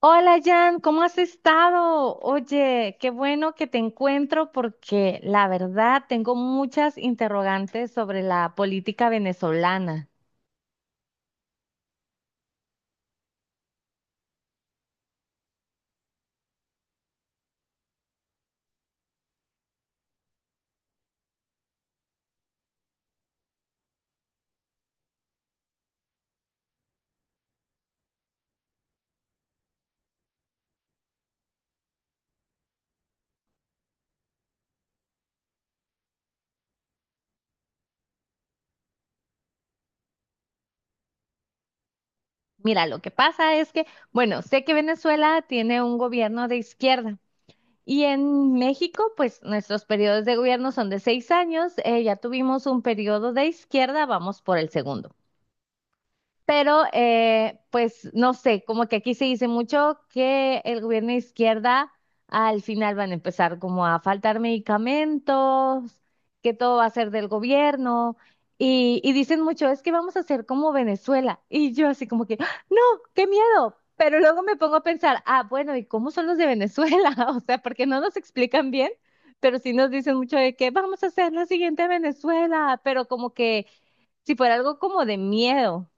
Hola Jan, ¿cómo has estado? Oye, qué bueno que te encuentro porque la verdad tengo muchas interrogantes sobre la política venezolana. Mira, lo que pasa es que, bueno, sé que Venezuela tiene un gobierno de izquierda y en México, pues nuestros periodos de gobierno son de 6 años. Ya tuvimos un periodo de izquierda, vamos por el segundo. Pero, pues, no sé, como que aquí se dice mucho que el gobierno de izquierda al final van a empezar como a faltar medicamentos, que todo va a ser del gobierno. Y dicen mucho, es que vamos a hacer como Venezuela. Y yo así como que, ¡ah! No, qué miedo. Pero luego me pongo a pensar, ah, bueno, ¿y cómo son los de Venezuela? O sea, porque no nos explican bien, pero sí nos dicen mucho de que vamos a hacer la siguiente Venezuela, pero como que si fuera algo como de miedo.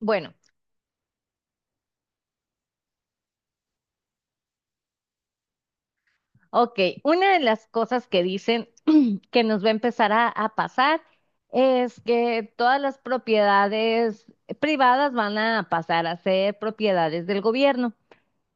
Bueno. Ok, una de las cosas que dicen que nos va a empezar a pasar es que todas las propiedades privadas van a pasar a ser propiedades del gobierno.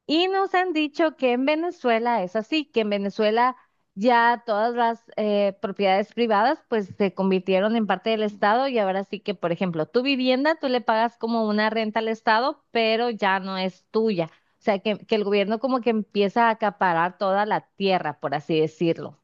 Y nos han dicho que en Venezuela es así, que en Venezuela ya todas las propiedades privadas pues se convirtieron en parte del Estado y ahora sí que, por ejemplo, tu vivienda tú le pagas como una renta al Estado, pero ya no es tuya. O sea, que el gobierno como que empieza a acaparar toda la tierra, por así decirlo.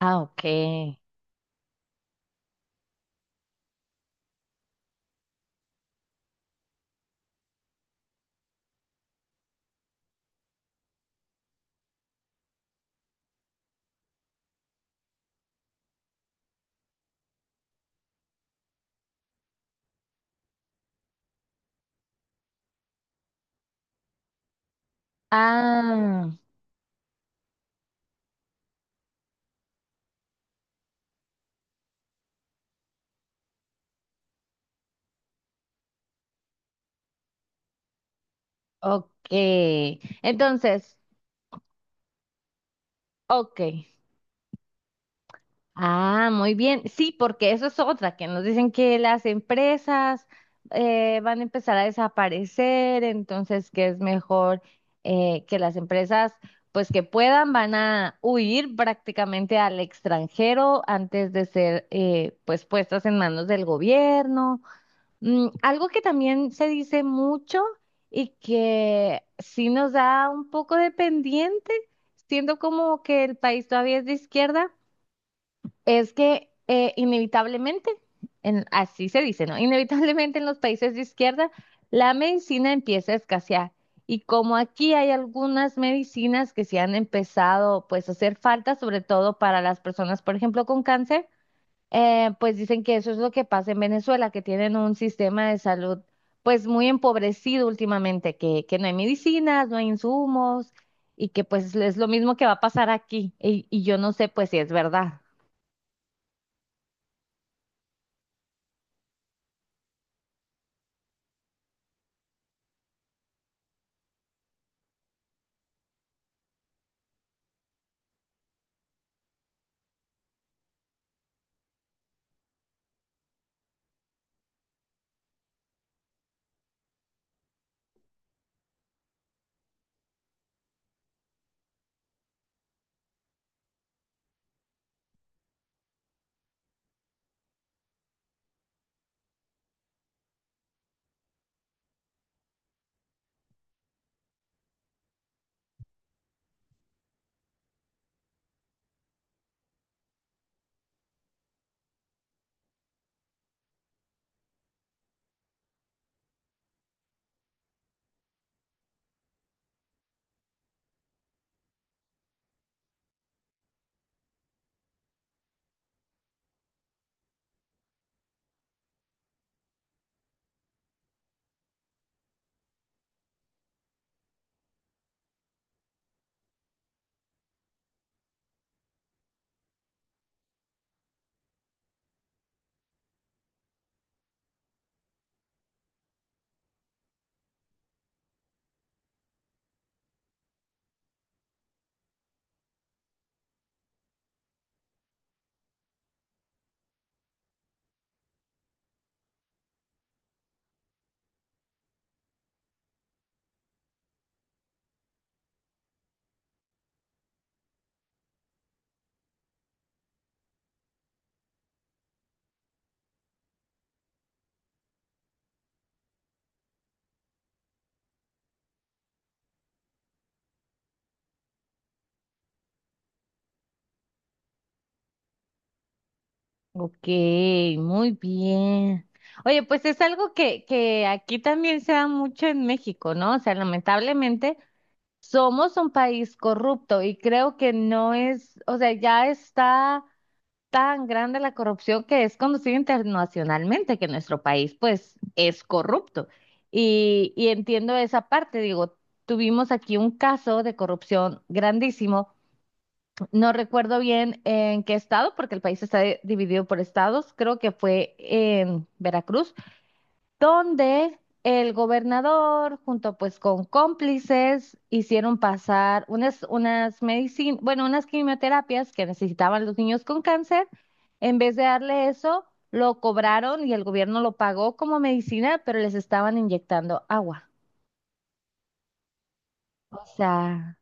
Ah, ok. Ah, ok. Entonces, ok. Ah, muy bien. Sí, porque eso es otra, que nos dicen que las empresas van a empezar a desaparecer, entonces que es mejor que las empresas, pues que puedan, van a huir prácticamente al extranjero antes de ser pues puestas en manos del gobierno. Mm, algo que también se dice mucho y que sí nos da un poco de pendiente, siendo como que el país todavía es de izquierda es que inevitablemente, así se dice, ¿no? Inevitablemente en los países de izquierda la medicina empieza a escasear. Y como aquí hay algunas medicinas que se han empezado pues a hacer falta, sobre todo para las personas, por ejemplo, con cáncer, pues dicen que eso es lo que pasa en Venezuela, que tienen un sistema de salud pues muy empobrecido últimamente, que no hay medicinas, no hay insumos y que pues es lo mismo que va a pasar aquí. Y yo no sé pues si es verdad. Ok, muy bien. Oye, pues es algo que aquí también se da mucho en México, ¿no? O sea, lamentablemente somos un país corrupto y creo que no es, o sea, ya está tan grande la corrupción que es conocida internacionalmente que nuestro país, pues, es corrupto. Y entiendo esa parte, digo, tuvimos aquí un caso de corrupción grandísimo, no recuerdo bien en qué estado, porque el país está dividido por estados. Creo que fue en Veracruz, donde el gobernador, junto pues con cómplices, hicieron pasar unas, unas medicinas, bueno, unas quimioterapias que necesitaban los niños con cáncer. En vez de darle eso, lo cobraron y el gobierno lo pagó como medicina, pero les estaban inyectando agua. O sea,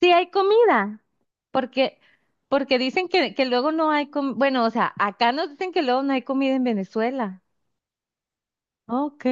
sí hay comida, porque, porque dicen que luego no hay comida. Bueno, o sea, acá nos dicen que luego no hay comida en Venezuela. Ok.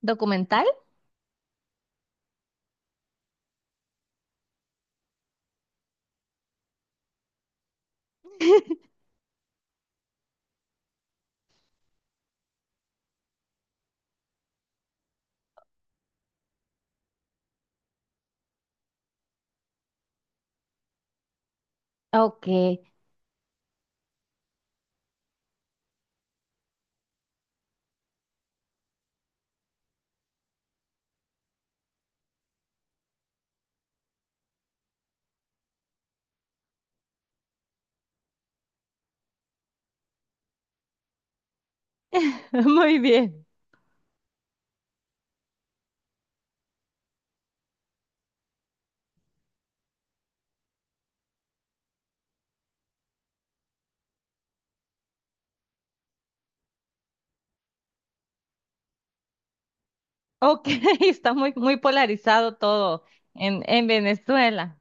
¿Documental? Ok. Muy bien. Ok, está muy, muy polarizado todo en Venezuela.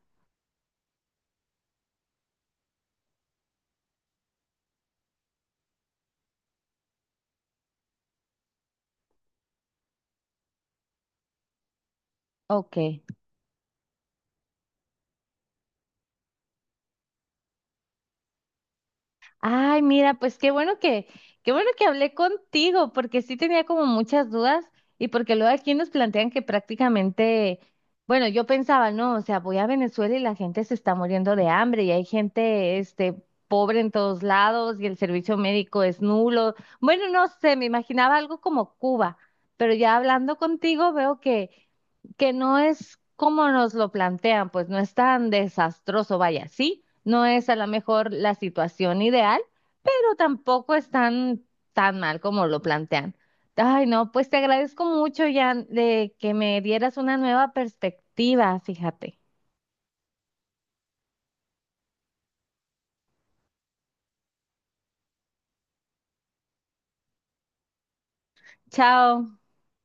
Ok. Ay, mira, pues qué bueno que hablé contigo, porque sí tenía como muchas dudas y porque luego aquí nos plantean que prácticamente, bueno, yo pensaba, no, o sea, voy a Venezuela y la gente se está muriendo de hambre y hay gente, este, pobre en todos lados y el servicio médico es nulo. Bueno, no sé, me imaginaba algo como Cuba, pero ya hablando contigo veo que no es como nos lo plantean, pues no es tan desastroso, vaya, ¿sí? No es a lo mejor la situación ideal, pero tampoco es tan, tan mal como lo plantean. Ay, no, pues te agradezco mucho, Jan, de que me dieras una nueva perspectiva, fíjate. Chao.